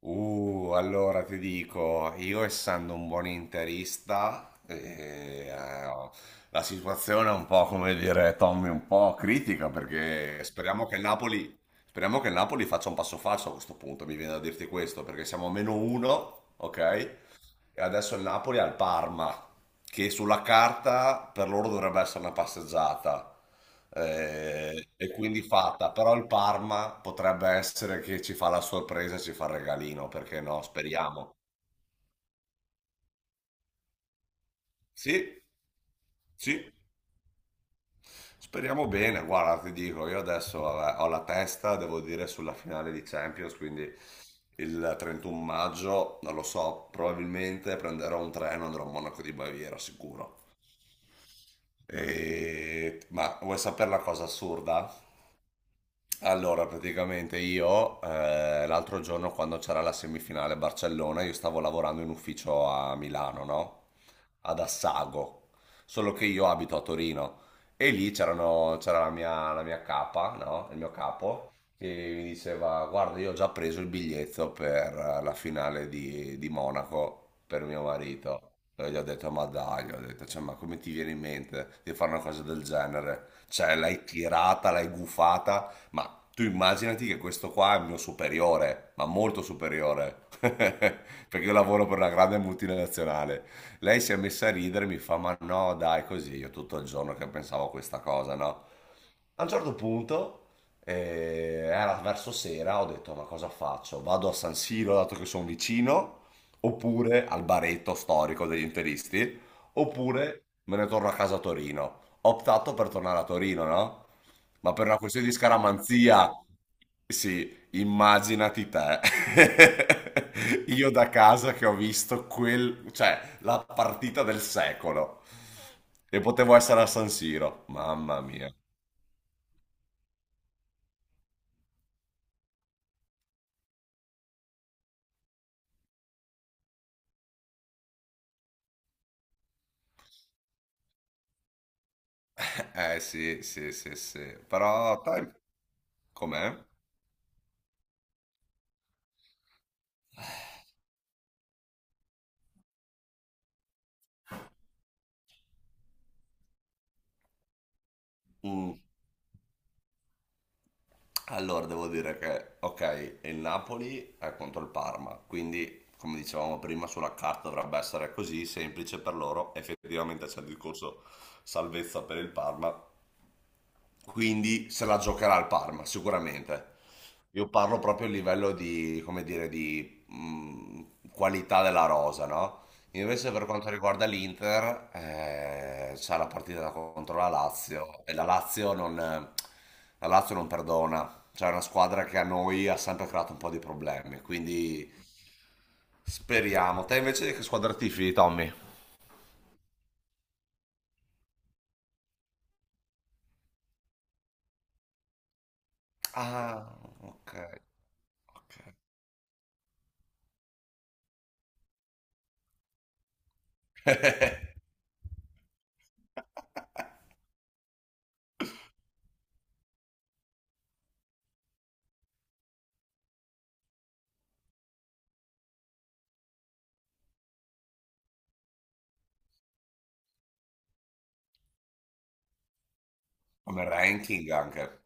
Allora ti dico, io essendo un buon interista, la situazione è un po' come dire Tommy, un po' critica perché speriamo che il Napoli faccia un passo falso a questo punto, mi viene da dirti questo, perché siamo a meno uno, ok? E adesso il Napoli ha il Parma, che sulla carta per loro dovrebbe essere una passeggiata e quindi fatta, però il Parma potrebbe essere che ci fa la sorpresa e ci fa il regalino, perché no? Speriamo. Sì, sì, speriamo bene. Guarda, ti dico, io adesso vabbè, ho la testa, devo dire, sulla finale di Champions, quindi il 31 maggio, non lo so, probabilmente prenderò un treno e andrò a Monaco di Baviera, sicuro. Ma vuoi sapere la cosa assurda? Allora, praticamente io l'altro giorno quando c'era la semifinale Barcellona, io stavo lavorando in ufficio a Milano, no? Ad Assago, solo che io abito a Torino e c'era la mia capa, no? Il mio capo che mi diceva, guarda, io ho già preso il biglietto per la finale di Monaco per mio marito. E gli ho detto, ma dai, gli ho detto, "Cioè, ma come ti viene in mente di fare una cosa del genere? Cioè, l'hai tirata, l'hai gufata. Ma tu immaginati che questo qua è il mio superiore, ma molto superiore, perché io lavoro per una grande multinazionale. Lei si è messa a ridere e mi fa, ma no, dai, così, io tutto il giorno che pensavo a questa cosa, no? A un certo punto, era verso sera, ho detto, ma cosa faccio? Vado a San Siro, dato che sono vicino, oppure al baretto storico degli interisti, oppure me ne torno a casa a Torino. Ho optato per tornare a Torino, no? Ma per una questione di scaramanzia, sì, immaginati te. Io da casa che ho visto quel, cioè, la partita del secolo. E potevo essere a San Siro, mamma mia. Eh sì, sì, sì, sì. Però, dai, com'è? Mm. Allora, devo dire che, ok, il Napoli è contro il Parma, quindi, come dicevamo prima, sulla carta dovrebbe essere così semplice per loro. Effettivamente c'è il discorso salvezza per il Parma, quindi se la giocherà il Parma, sicuramente. Io parlo proprio a livello di, come dire, di qualità della rosa, no? Invece per quanto riguarda l'Inter, c'è la partita contro la Lazio e la Lazio non perdona, c'è una squadra che a noi ha sempre creato un po' di problemi, quindi speriamo. Te invece di che squadra tifi, Tommy? Ah, ok, ok. Come ranking anche,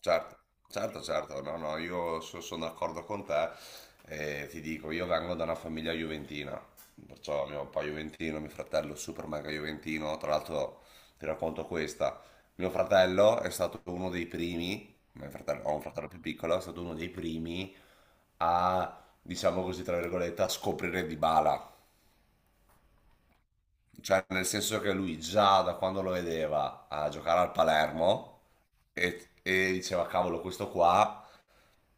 certo, certo, certo, no, no, sono d'accordo con te e ti dico, io vengo da una famiglia juventina, perciò mio papà juventino, mio fratello super mega juventino, tra l'altro ti racconto questa, mio fratello è stato uno dei primi, ho un fratello più piccolo, è stato uno dei primi a, diciamo così, tra virgolette, a scoprire Dybala. Cioè, nel senso che lui già da quando lo vedeva a giocare al Palermo e diceva, cavolo, questo qua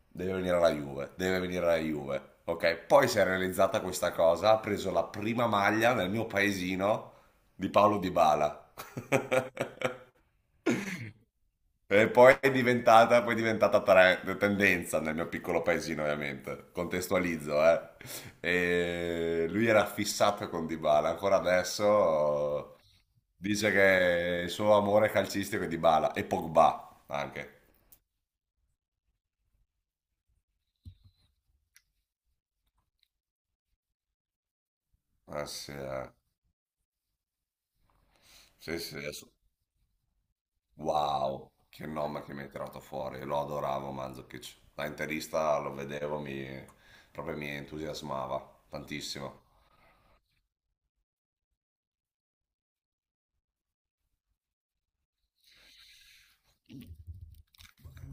deve venire alla Juve, deve venire alla Juve. Ok, poi si è realizzata questa cosa, ha preso la prima maglia nel mio paesino di Paolo Dybala. E poi è diventata tendenza nel mio piccolo paesino, ovviamente. Contestualizzo, eh. E lui era fissato con Dybala, ancora adesso dice che il suo amore calcistico è Dybala e Pogba anche. Ah, sì, eh. Sì, sì, wow, che nome che mi hai tirato fuori. Lo adoravo Mandzukic. Da interista lo vedevo, mi... proprio mi entusiasmava tantissimo.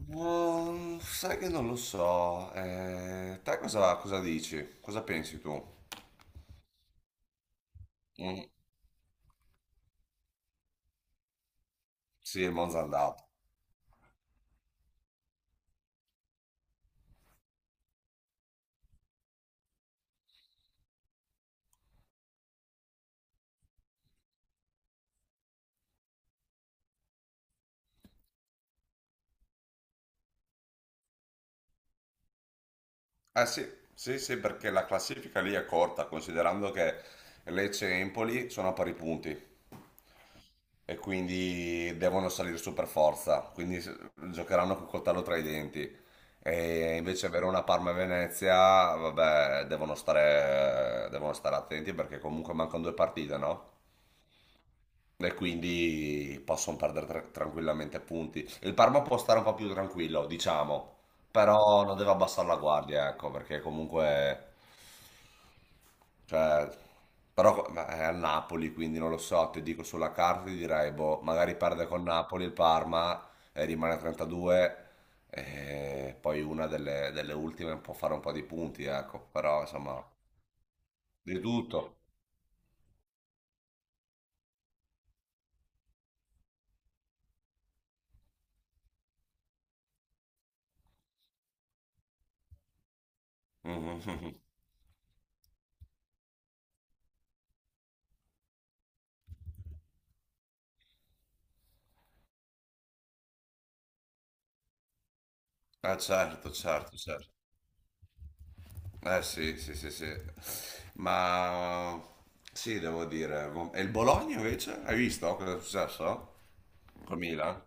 No, sai che non lo so. Te cosa, cosa dici? Cosa pensi tu? Mm, sì, il Monza è andato. Eh sì, sì, sì, perché la classifica lì è corta, considerando che Lecce e Empoli sono a pari punti e quindi devono salire su per forza, giocheranno col coltello tra i denti. E invece Verona, Parma e Venezia, vabbè, devono stare attenti perché comunque mancano due partite, no? E quindi possono perdere tranquillamente punti. Il Parma può stare un po' più tranquillo, diciamo, però non deve abbassare la guardia, ecco, perché comunque, cioè, però ma è al Napoli, quindi non lo so, ti dico sulla carta, ti direi, boh, magari perde con Napoli il Parma e rimane a 32, e poi una delle ultime può fare un po' di punti, ecco, però insomma, di tutto. Ah, certo, certo, certo. Eh sì, sì, sì, sì. Ma sì, devo dire. E il Bologna invece? Hai visto cosa è successo? Con Milan?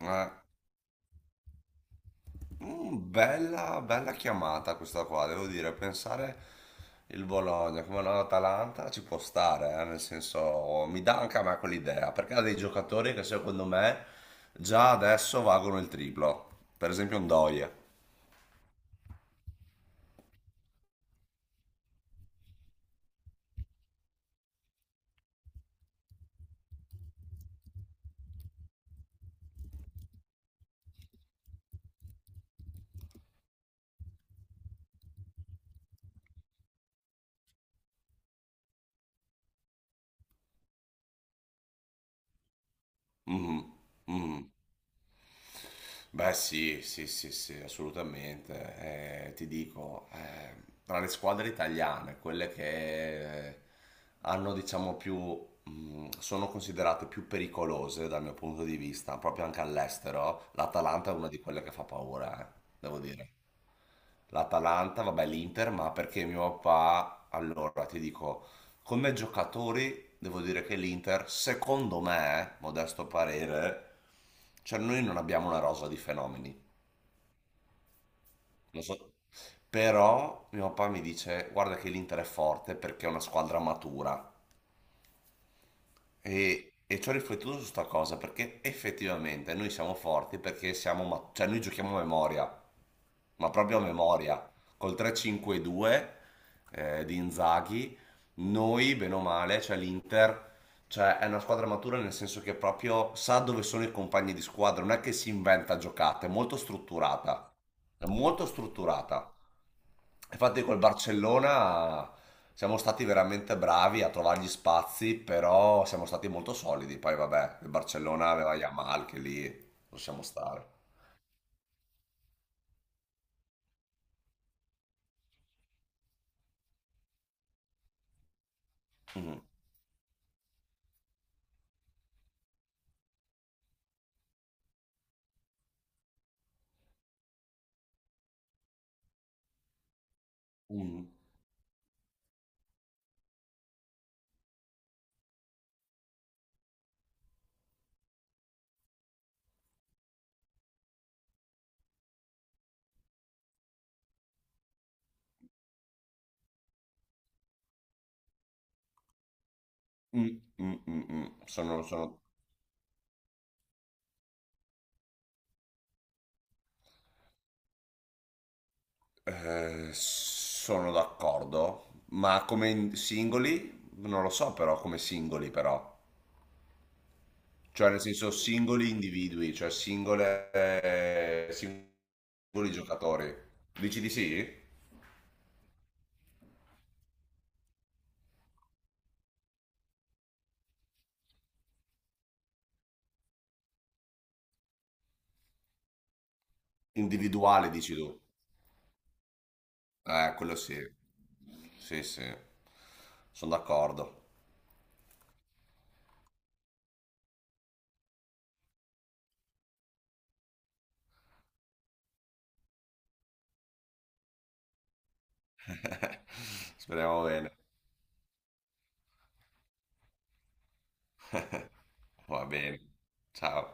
Eh, mm, bella, bella chiamata questa qua, devo dire. Pensare il Bologna come l'Atalanta ci può stare, nel senso mi dà anche a me quell'idea, perché ha dei giocatori che secondo me già adesso valgono il triplo. Per esempio un Ndoye. Mhm, mhm. Beh, sì, sì, sì, sì, assolutamente. Ti dico, tra le squadre italiane, quelle che hanno, diciamo, più, sono considerate più pericolose dal mio punto di vista, proprio anche all'estero, l'Atalanta è una di quelle che fa paura, devo dire l'Atalanta, vabbè l'Inter, ma perché mio papà, allora ti dico, come giocatori devo dire che l'Inter, secondo me, modesto parere, cioè noi non abbiamo una rosa di fenomeni, non so, però mio papà mi dice guarda che l'Inter è forte perché è una squadra matura e ci ho riflettuto su sta cosa perché effettivamente noi siamo forti perché cioè noi giochiamo a memoria, ma proprio a memoria. Col 3-5-2 di Inzaghi, noi, bene o male, cioè l'Inter, cioè è una squadra matura nel senso che proprio sa dove sono i compagni di squadra, non è che si inventa giocate, è molto strutturata. Infatti col Barcellona siamo stati veramente bravi a trovare gli spazi, però siamo stati molto solidi. Poi vabbè, il Barcellona aveva Yamal che lì possiamo stare. Mhm. Mhm. Mm, mm, mm, mm. Sono, sono, sono d'accordo, ma singoli? Non lo so però, come singoli però. Cioè nel senso singoli individui, cioè singole, singoli giocatori. Dici di sì? Individuale dici tu. Quello sì. Sì, sì. Sono d'accordo. Speriamo bene. Va bene. Ciao.